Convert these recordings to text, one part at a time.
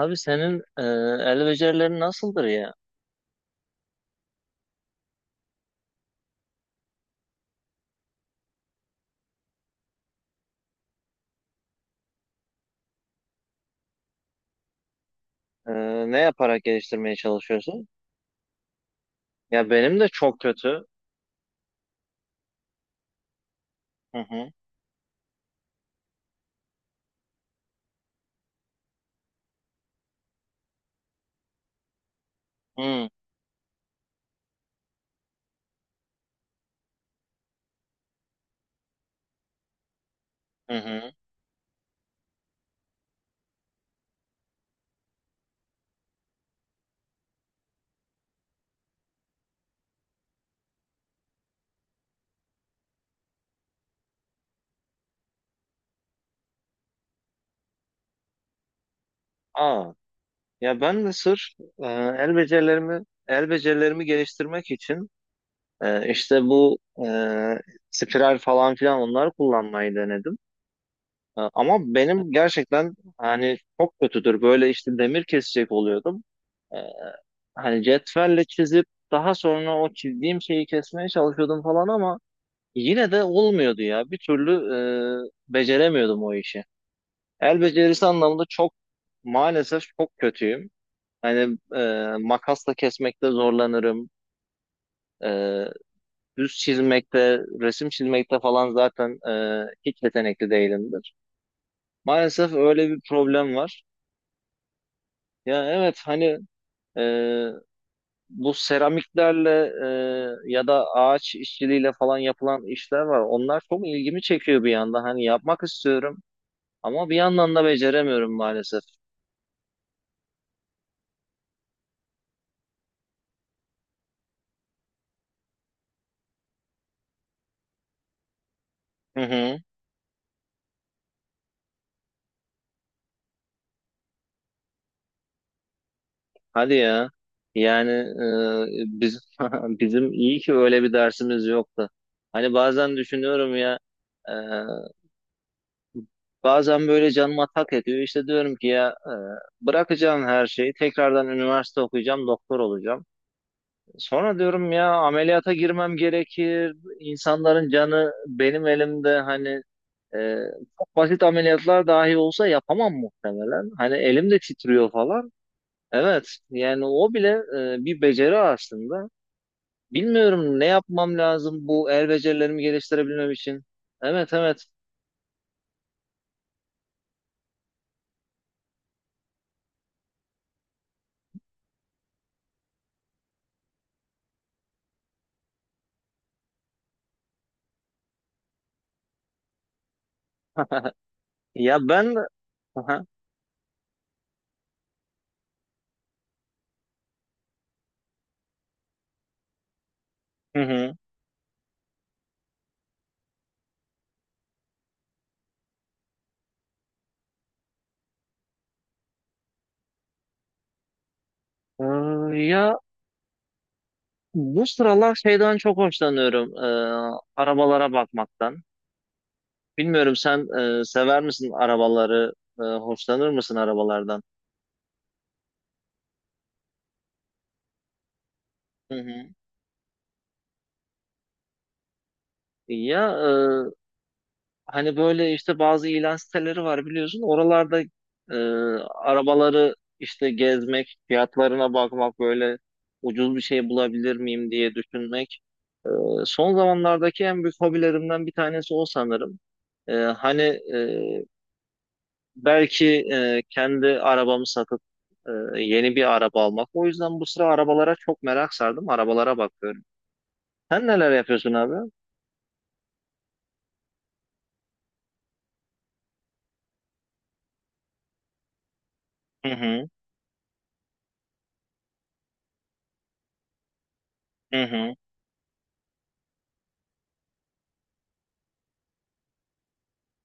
Abi senin el becerilerin nasıldır ya? E, ne yaparak geliştirmeye çalışıyorsun? Ya benim de çok kötü. Hı hı. Hı hı. Hı. Aa, ya ben de sırf el becerilerimi geliştirmek için işte bu e, spiral falan filan onları kullanmayı denedim. Ama benim gerçekten hani çok kötüdür. Böyle işte demir kesecek oluyordum. E, hani cetvelle çizip daha sonra o çizdiğim şeyi kesmeye çalışıyordum falan ama yine de olmuyordu ya. Bir türlü beceremiyordum o işi. El becerisi anlamında çok maalesef çok kötüyüm. Hani makasla kesmekte zorlanırım. E, düz çizmekte, resim çizmekte falan zaten hiç yetenekli değilimdir. Maalesef öyle bir problem var. Ya evet hani e, bu seramiklerle ya da ağaç işçiliğiyle falan yapılan işler var. Onlar çok ilgimi çekiyor bir yandan. Hani yapmak istiyorum. Ama bir yandan da beceremiyorum maalesef. Hı hı. Hadi ya. Yani biz bizim iyi ki öyle bir dersimiz yoktu. Hani bazen düşünüyorum ya e, bazen böyle canıma tak ediyor. İşte diyorum ki ya bırakacağım her şeyi. Tekrardan üniversite okuyacağım, doktor olacağım. Sonra diyorum ya ameliyata girmem gerekir. İnsanların canı benim elimde hani e, çok basit ameliyatlar dahi olsa yapamam muhtemelen. Hani elim de titriyor falan. Evet, yani o bile bir beceri aslında. Bilmiyorum ne yapmam lazım bu el becerilerimi geliştirebilmem için. Evet, evet. Ya ben. Aha. Hı hı. Ee, ya bu sıralar şeyden çok hoşlanıyorum. Arabalara bakmaktan. Bilmiyorum sen sever misin arabaları? Hoşlanır mısın arabalardan? Hı hı. Ya, hani böyle işte bazı ilan siteleri var biliyorsun. Oralarda e, arabaları işte gezmek, fiyatlarına bakmak böyle ucuz bir şey bulabilir miyim diye düşünmek. Son zamanlardaki en büyük hobilerimden bir tanesi o sanırım. Hani e, belki kendi arabamı satıp e, yeni bir araba almak. O yüzden bu sıra arabalara çok merak sardım. Arabalara bakıyorum. Sen neler yapıyorsun abi? Hı hı. Hı hı.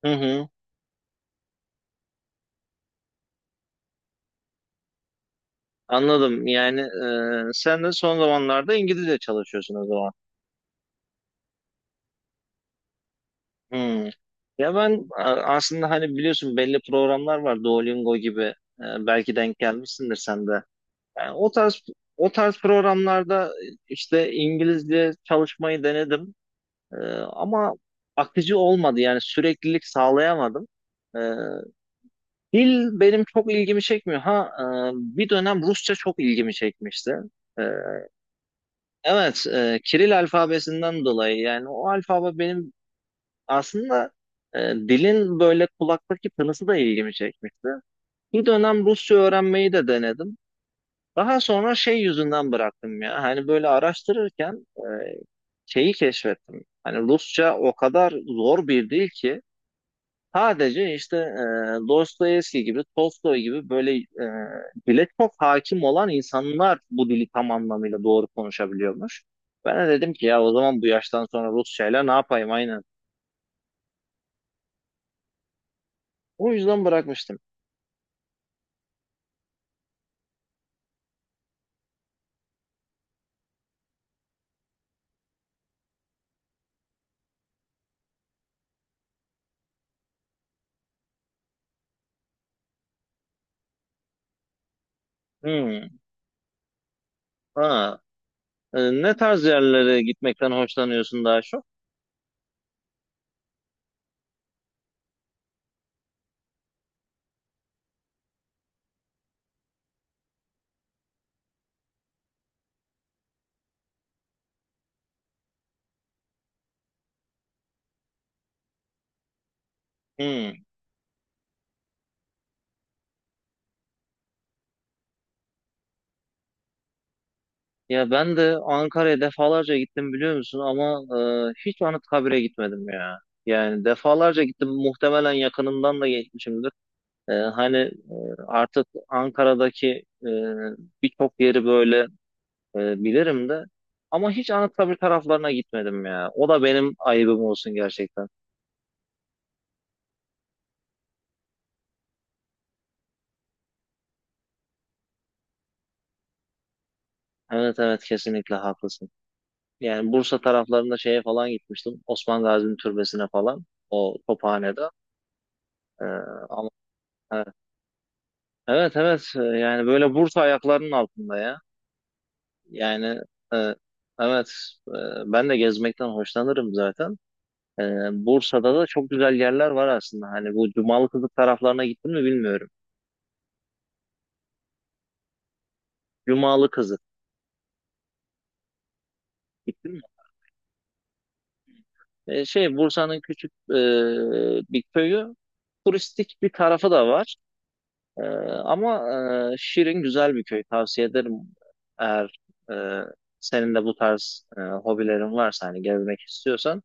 Hı hı. Anladım. Yani sen de son zamanlarda İngilizce çalışıyorsun o zaman. Hmm. Ya ben aslında hani biliyorsun belli programlar var Duolingo gibi. Belki denk gelmişsindir sen de. Yani o tarz programlarda işte İngilizce çalışmayı denedim. E, ama akıcı olmadı. Yani süreklilik sağlayamadım. E, dil benim çok ilgimi çekmiyor. Ha, bir dönem Rusça çok ilgimi çekmişti. E, Evet, Kiril alfabesinden dolayı yani o alfabe benim aslında dilin böyle kulaktaki tınısı da ilgimi çekmişti. Bir dönem Rusça öğrenmeyi de denedim. Daha sonra şey yüzünden bıraktım ya. Hani böyle araştırırken şeyi keşfettim. Hani Rusça o kadar zor bir dil ki sadece işte Dostoyevski gibi, Tolstoy gibi böyle dile çok hakim olan insanlar bu dili tam anlamıyla doğru konuşabiliyormuş. Ben de dedim ki ya o zaman bu yaştan sonra Rusçayla ne yapayım aynen. O yüzden bırakmıştım. Hmm. Ha. Ne tarz yerlere gitmekten hoşlanıyorsun daha çok? Hmm. Ya ben de Ankara'ya defalarca gittim biliyor musun ama hiç Anıtkabir'e gitmedim ya. Yani defalarca gittim muhtemelen yakınından da geçmişimdir. Hani artık Ankara'daki e, birçok yeri böyle bilirim de ama hiç Anıtkabir taraflarına gitmedim ya. O da benim ayıbım olsun gerçekten. Evet, evet, kesinlikle haklısın. Yani Bursa taraflarında şeye falan gitmiştim. Osman Gazi'nin türbesine falan. O Tophane'de. E, ama evet, evet, evet. Yani böyle Bursa ayaklarının altında ya. Yani e, evet, e, ben de gezmekten hoşlanırım zaten. Ee, Bursa'da da çok güzel yerler var aslında. Hani bu Cumalı Kızık taraflarına gittim mi bilmiyorum. Cumalı Kızık gittim mi? Şey, Bursa'nın küçük bir köyü. Turistik bir tarafı da var. Ee, ama şirin güzel bir köy. Tavsiye ederim eğer e, senin de bu tarz hobilerin varsa hani gezmek istiyorsan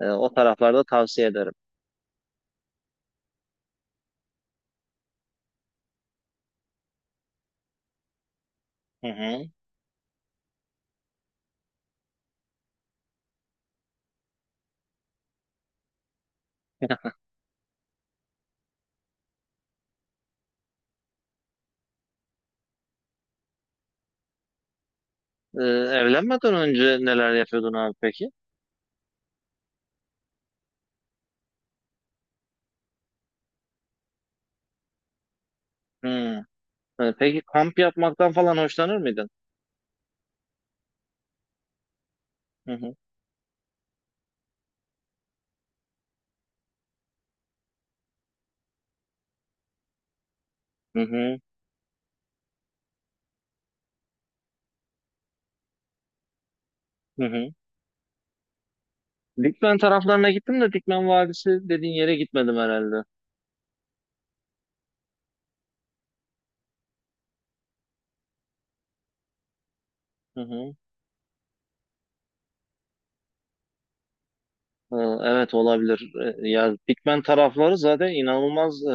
o taraflarda tavsiye ederim. Hı hı. Ee, evlenmeden önce neler yapıyordun abi peki? Hı. Peki kamp yapmaktan falan hoşlanır mıydın? Hı hı. Hı hı. Hı hı. Dikmen taraflarına gittim de Dikmen Vadisi dediğin yere gitmedim herhalde. Hı hı. Ee, Evet, olabilir. Ya, Dikmen tarafları zaten inanılmaz,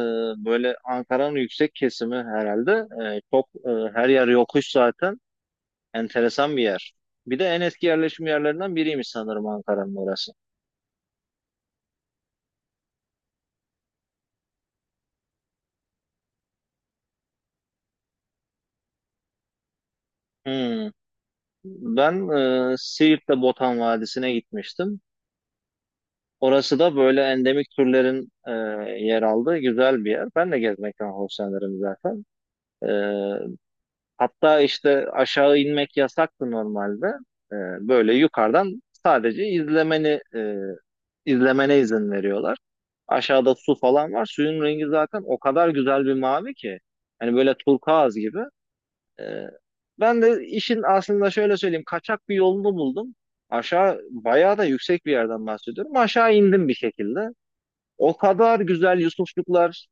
böyle Ankara'nın yüksek kesimi herhalde. Çok, her yer yokuş zaten. Enteresan bir yer. Bir de en eski yerleşim yerlerinden biriymiş sanırım Ankara'nın orası. Hmm. Ben Siirt'te Botan Vadisi'ne gitmiştim. Orası da böyle endemik türlerin yer aldığı güzel bir yer. Ben de gezmekten hoşlanırım zaten. Ee, hatta işte aşağı inmek yasaktı normalde. Ee, Böyle yukarıdan sadece izlemene izin veriyorlar. Aşağıda su falan var. Suyun rengi zaten o kadar güzel bir mavi ki. Hani böyle turkuaz gibi. Ee, ben de işin aslında şöyle söyleyeyim. Kaçak bir yolunu buldum. Aşağı bayağı da yüksek bir yerden bahsediyorum. Aşağı indim bir şekilde. O kadar güzel Yusufçuklar.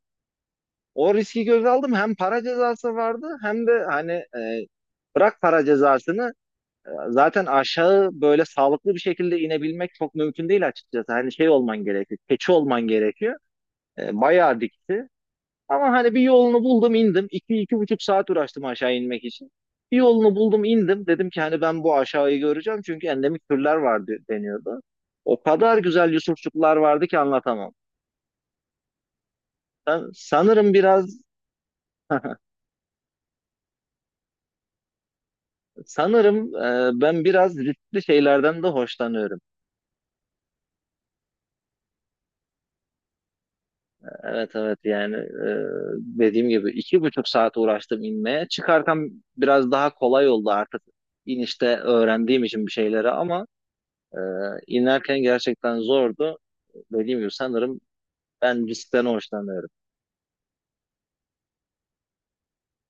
O riski göze aldım. Hem para cezası vardı hem de hani. Bırak para cezasını, zaten aşağı böyle sağlıklı bir şekilde inebilmek çok mümkün değil açıkçası. Hani şey olman gerekiyor, keçi olman gerekiyor. Bayağı dikti. Ama hani bir yolunu buldum indim. İki buçuk saat uğraştım aşağı inmek için. Bir yolunu buldum indim. Dedim ki hani ben bu aşağıyı göreceğim çünkü endemik türler vardı deniyordu. O kadar güzel yusufçuklar vardı ki anlatamam. Ben sanırım biraz sanırım ben biraz riskli şeylerden de hoşlanıyorum. Evet, evet, yani dediğim gibi 2,5 saat uğraştım inmeye. Çıkarken biraz daha kolay oldu artık inişte öğrendiğim için bir şeyleri ama e, inerken gerçekten zordu. Dediğim gibi sanırım ben riskten hoşlanıyorum.